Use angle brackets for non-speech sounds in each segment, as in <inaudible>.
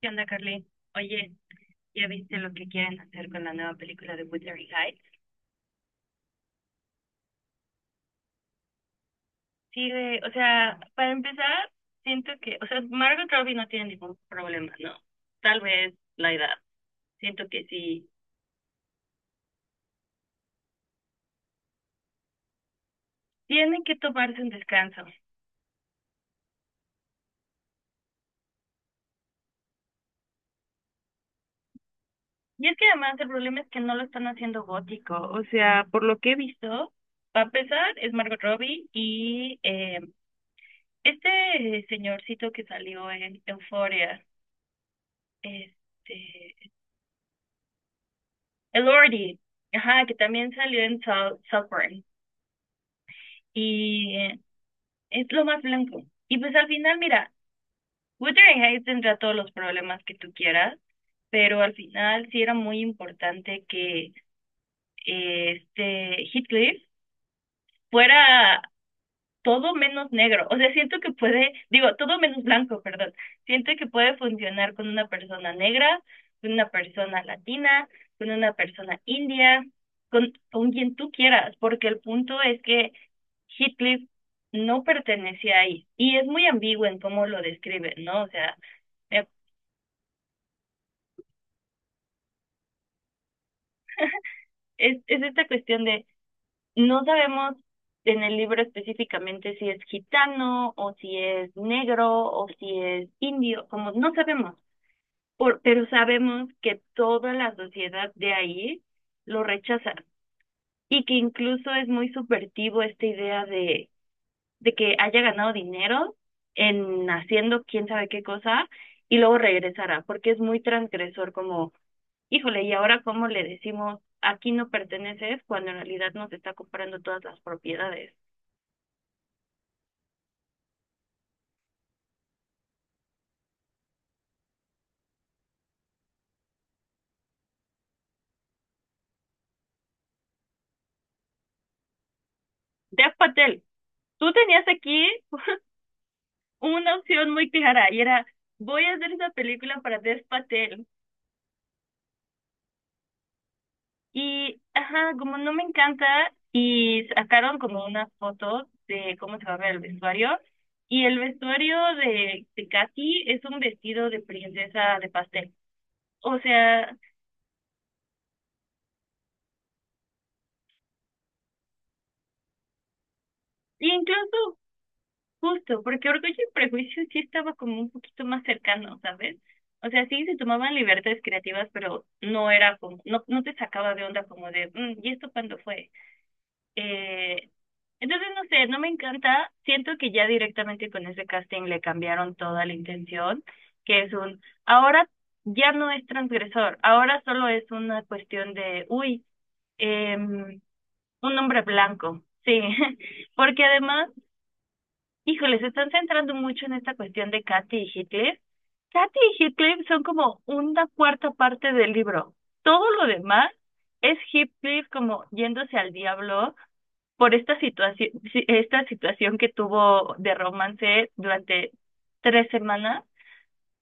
¿Qué onda, Carly? Oye, ¿ya viste lo que quieren hacer con la nueva película de Wuthering Heights? Sí, güey, o sea, para empezar, siento que, o sea, Margot Robbie no tiene ningún problema, ¿no? Tal vez la edad. Siento que sí. Tienen que tomarse un descanso. Y es que además el problema es que no lo están haciendo gótico. O sea, por lo que he visto, para empezar, es Margot Robbie y este señorcito que salió en Euphoria, este, Elordi, ajá, que también salió en Southburn. Y es lo más blanco. Y pues al final, mira, Wuthering Heights tendrá todos los problemas que tú quieras, pero al final sí era muy importante que eh, este Heathcliff fuera todo menos negro. O sea, siento que puede, digo, todo menos blanco, perdón. Siento que puede funcionar con una persona negra, con una persona latina, con una persona india, con quien tú quieras, porque el punto es que Heathcliff no pertenecía ahí. Y es muy ambiguo en cómo lo describe, ¿no? O sea, eh, es esta cuestión de no sabemos en el libro específicamente si es gitano o si es negro o si es indio, como no sabemos. Pero sabemos que toda la sociedad de ahí lo rechaza y que incluso es muy subvertivo esta idea de que haya ganado dinero en haciendo quién sabe qué cosa y luego regresará, porque es muy transgresor como, híjole, ¿y ahora cómo le decimos aquí no perteneces cuando en realidad nos está comprando todas las propiedades? Dev Patel, tú tenías aquí una opción muy clara y era, voy a hacer esa película para Dev Patel. Y, ajá, como no me encanta, y sacaron como unas fotos de cómo se va a ver el vestuario. Y el vestuario de Katy es un vestido de princesa de pastel. O sea, y incluso justo, porque Orgullo y Prejuicio sí estaba como un poquito más cercano, ¿sabes? O sea, sí se tomaban libertades creativas, pero no era como, no, no te sacaba de onda como de, "Mm, ¿y esto cuándo fue?" Eh, entonces, no sé, no me encanta. Siento que ya directamente con ese casting le cambiaron toda la intención, que es un, ahora ya no es transgresor, ahora solo es una cuestión de, uy, em, un hombre blanco, sí, <laughs> porque además, híjole, se están centrando mucho en esta cuestión de Kathy y Heathcliff. Kathy y Heathcliff son como una cuarta parte del libro. Todo lo demás es Heathcliff como yéndose al diablo por esta situación que tuvo de romance durante 3 semanas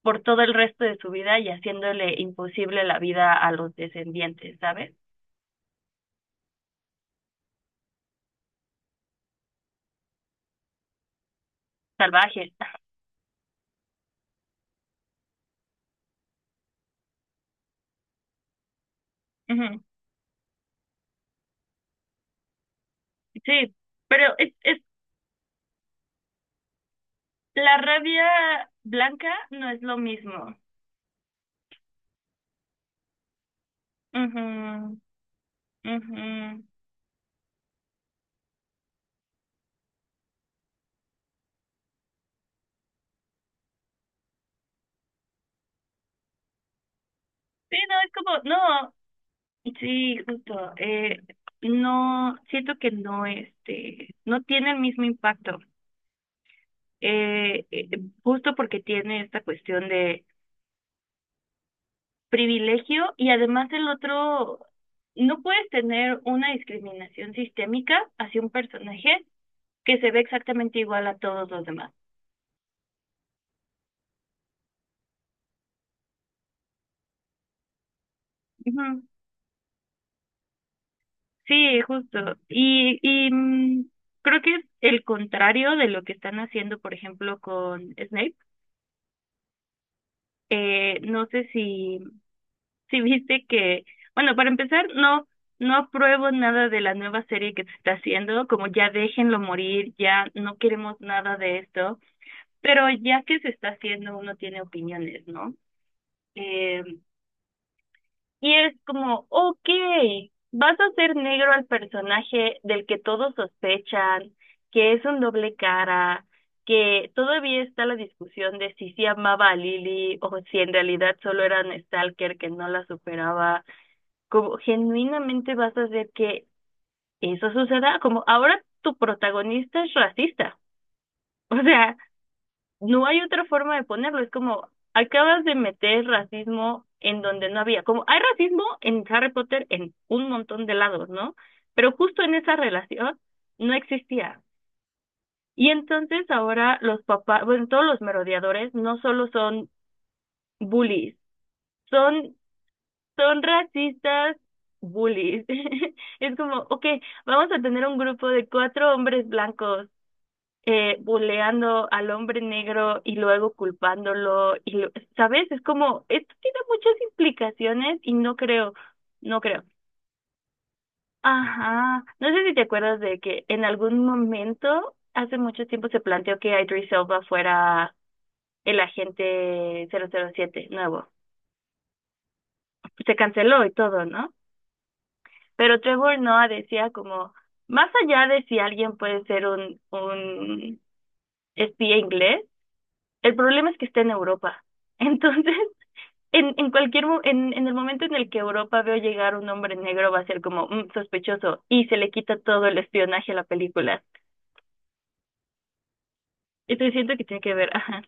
por todo el resto de su vida y haciéndole imposible la vida a los descendientes, ¿sabes? Salvajes. Ujú. Sí, pero la rabia blanca no es lo mismo. Ujú, ujú. Sí, no, es como, no, sí, justo, no, siento que no, este, no tiene el mismo impacto. eh, eh, Justo porque tiene esta cuestión de privilegio y además el otro, no puedes tener una discriminación sistémica hacia un personaje que se ve exactamente igual a todos los demás. Ujú. Sí, justo. Y creo que es el contrario de lo que están haciendo, por ejemplo, con Snape. No sé si si viste que, bueno, para empezar, no, no apruebo nada de la nueva serie que se está haciendo, como ya déjenlo morir, ya no queremos nada de esto, pero ya que se está haciendo, uno tiene opiniones, ¿no? Eh, y es como, ok, vas a hacer negro al personaje del que todos sospechan, que es un doble cara, que todavía está la discusión de si sí amaba a Lily o si en realidad solo era un stalker que no la superaba como genuinamente vas a hacer que eso suceda, como ahora tu protagonista es racista. <laughs> O sea, no hay otra forma de ponerlo, es como acabas de meter racismo en donde no había, como hay racismo en Harry Potter en un montón de lados, ¿no? Pero justo en esa relación no existía. Y entonces ahora los papás, bueno, todos los merodeadores no solo son bullies, son son racistas bullies. <laughs> Es como, ok, vamos a tener un grupo de 4 hombres blancos buleando al hombre negro y luego culpándolo. ¿Sabes? Es como, esto tiene muchas implicaciones y no creo, no creo. Ajá, no sé si te acuerdas de que en algún momento, hace mucho tiempo, se planteó que Idris Elba fuera el agente 007 nuevo. Se canceló y todo, ¿no? Pero Trevor Noah decía como, más allá de si alguien puede ser un espía inglés, el problema es que está en Europa. Entonces, <laughs> en el momento en el que Europa veo llegar un hombre negro va a ser como "Mm, sospechoso" y se le quita todo el espionaje a la película. Entonces siento que tiene que ver, ajá.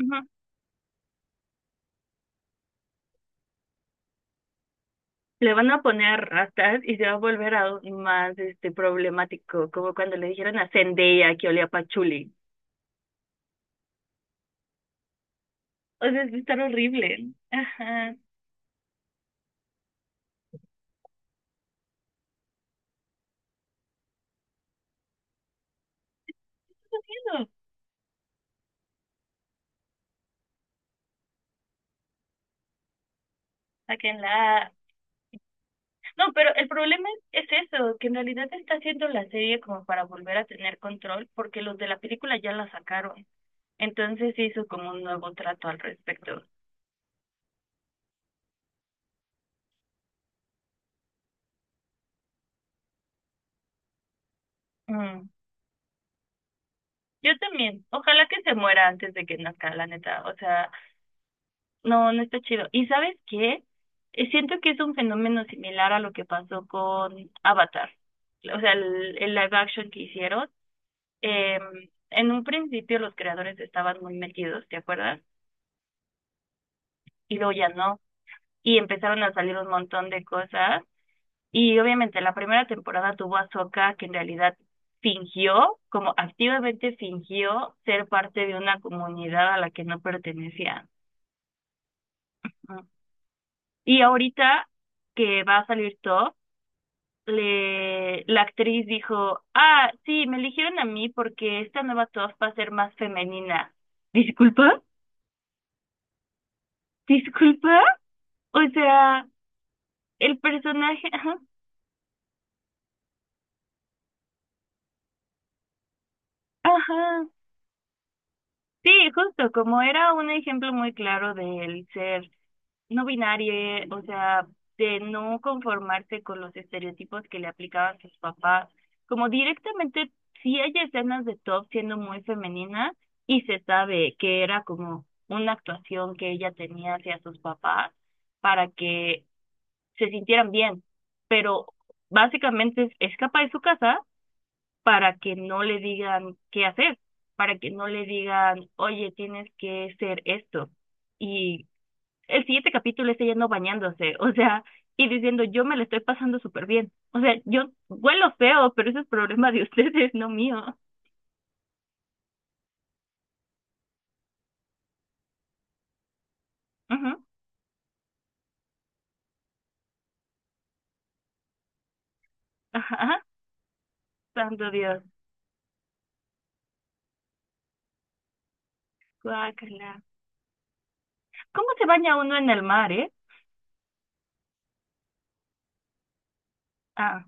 Ujú. Le van a poner rastas y se va a volver aún más este problemático, como cuando le dijeron a Zendaya que olía a pachuli. O sea, es estar horrible. Ajá. Sáquenla. No, pero el problema es eso, que en realidad está haciendo la serie como para volver a tener control, porque los de la película ya la sacaron. Entonces hizo como un nuevo trato al respecto. Mm. Yo también. Ojalá que se muera antes de que nazca, la neta. O sea, no, no está chido. ¿Y sabes qué? Siento que es un fenómeno similar a lo que pasó con Avatar. O sea, el live action que hicieron. En un principio los creadores estaban muy metidos, ¿te acuerdas? Y luego ya no. Y empezaron a salir un montón de cosas. Y obviamente la primera temporada tuvo a Sokka, que en realidad fingió, como activamente fingió ser parte de una comunidad a la que no pertenecía. ¿No? Y ahorita que va a salir Top, le, la actriz dijo, ah, sí, me eligieron a mí porque esta nueva Top va a ser más femenina. ¿Disculpa? ¿Disculpa? O sea, el personaje... Ajá. Ajá. Sí, justo, como era un ejemplo muy claro del ser no binario, o sea, de no conformarse con los estereotipos que le aplicaban sus papás, como directamente sí hay escenas de Top siendo muy femenina y se sabe que era como una actuación que ella tenía hacia sus papás para que se sintieran bien, pero básicamente es escapa de su casa para que no le digan qué hacer, para que no le digan, oye, tienes que ser esto. Y el siguiente capítulo es ella no bañándose, <laughs> o sea, y diciendo, yo me la estoy pasando súper bien. O sea, yo huelo feo, pero ese es problema de <laughs> ustedes, no mío. Ujú. Ajá, santo Dios. Guácala. ¿Cómo se baña uno en el mar, eh? Ah,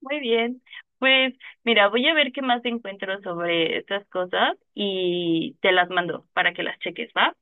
muy bien. Pues mira, voy a ver qué más encuentro sobre estas cosas y te las mando para que las cheques, ¿va?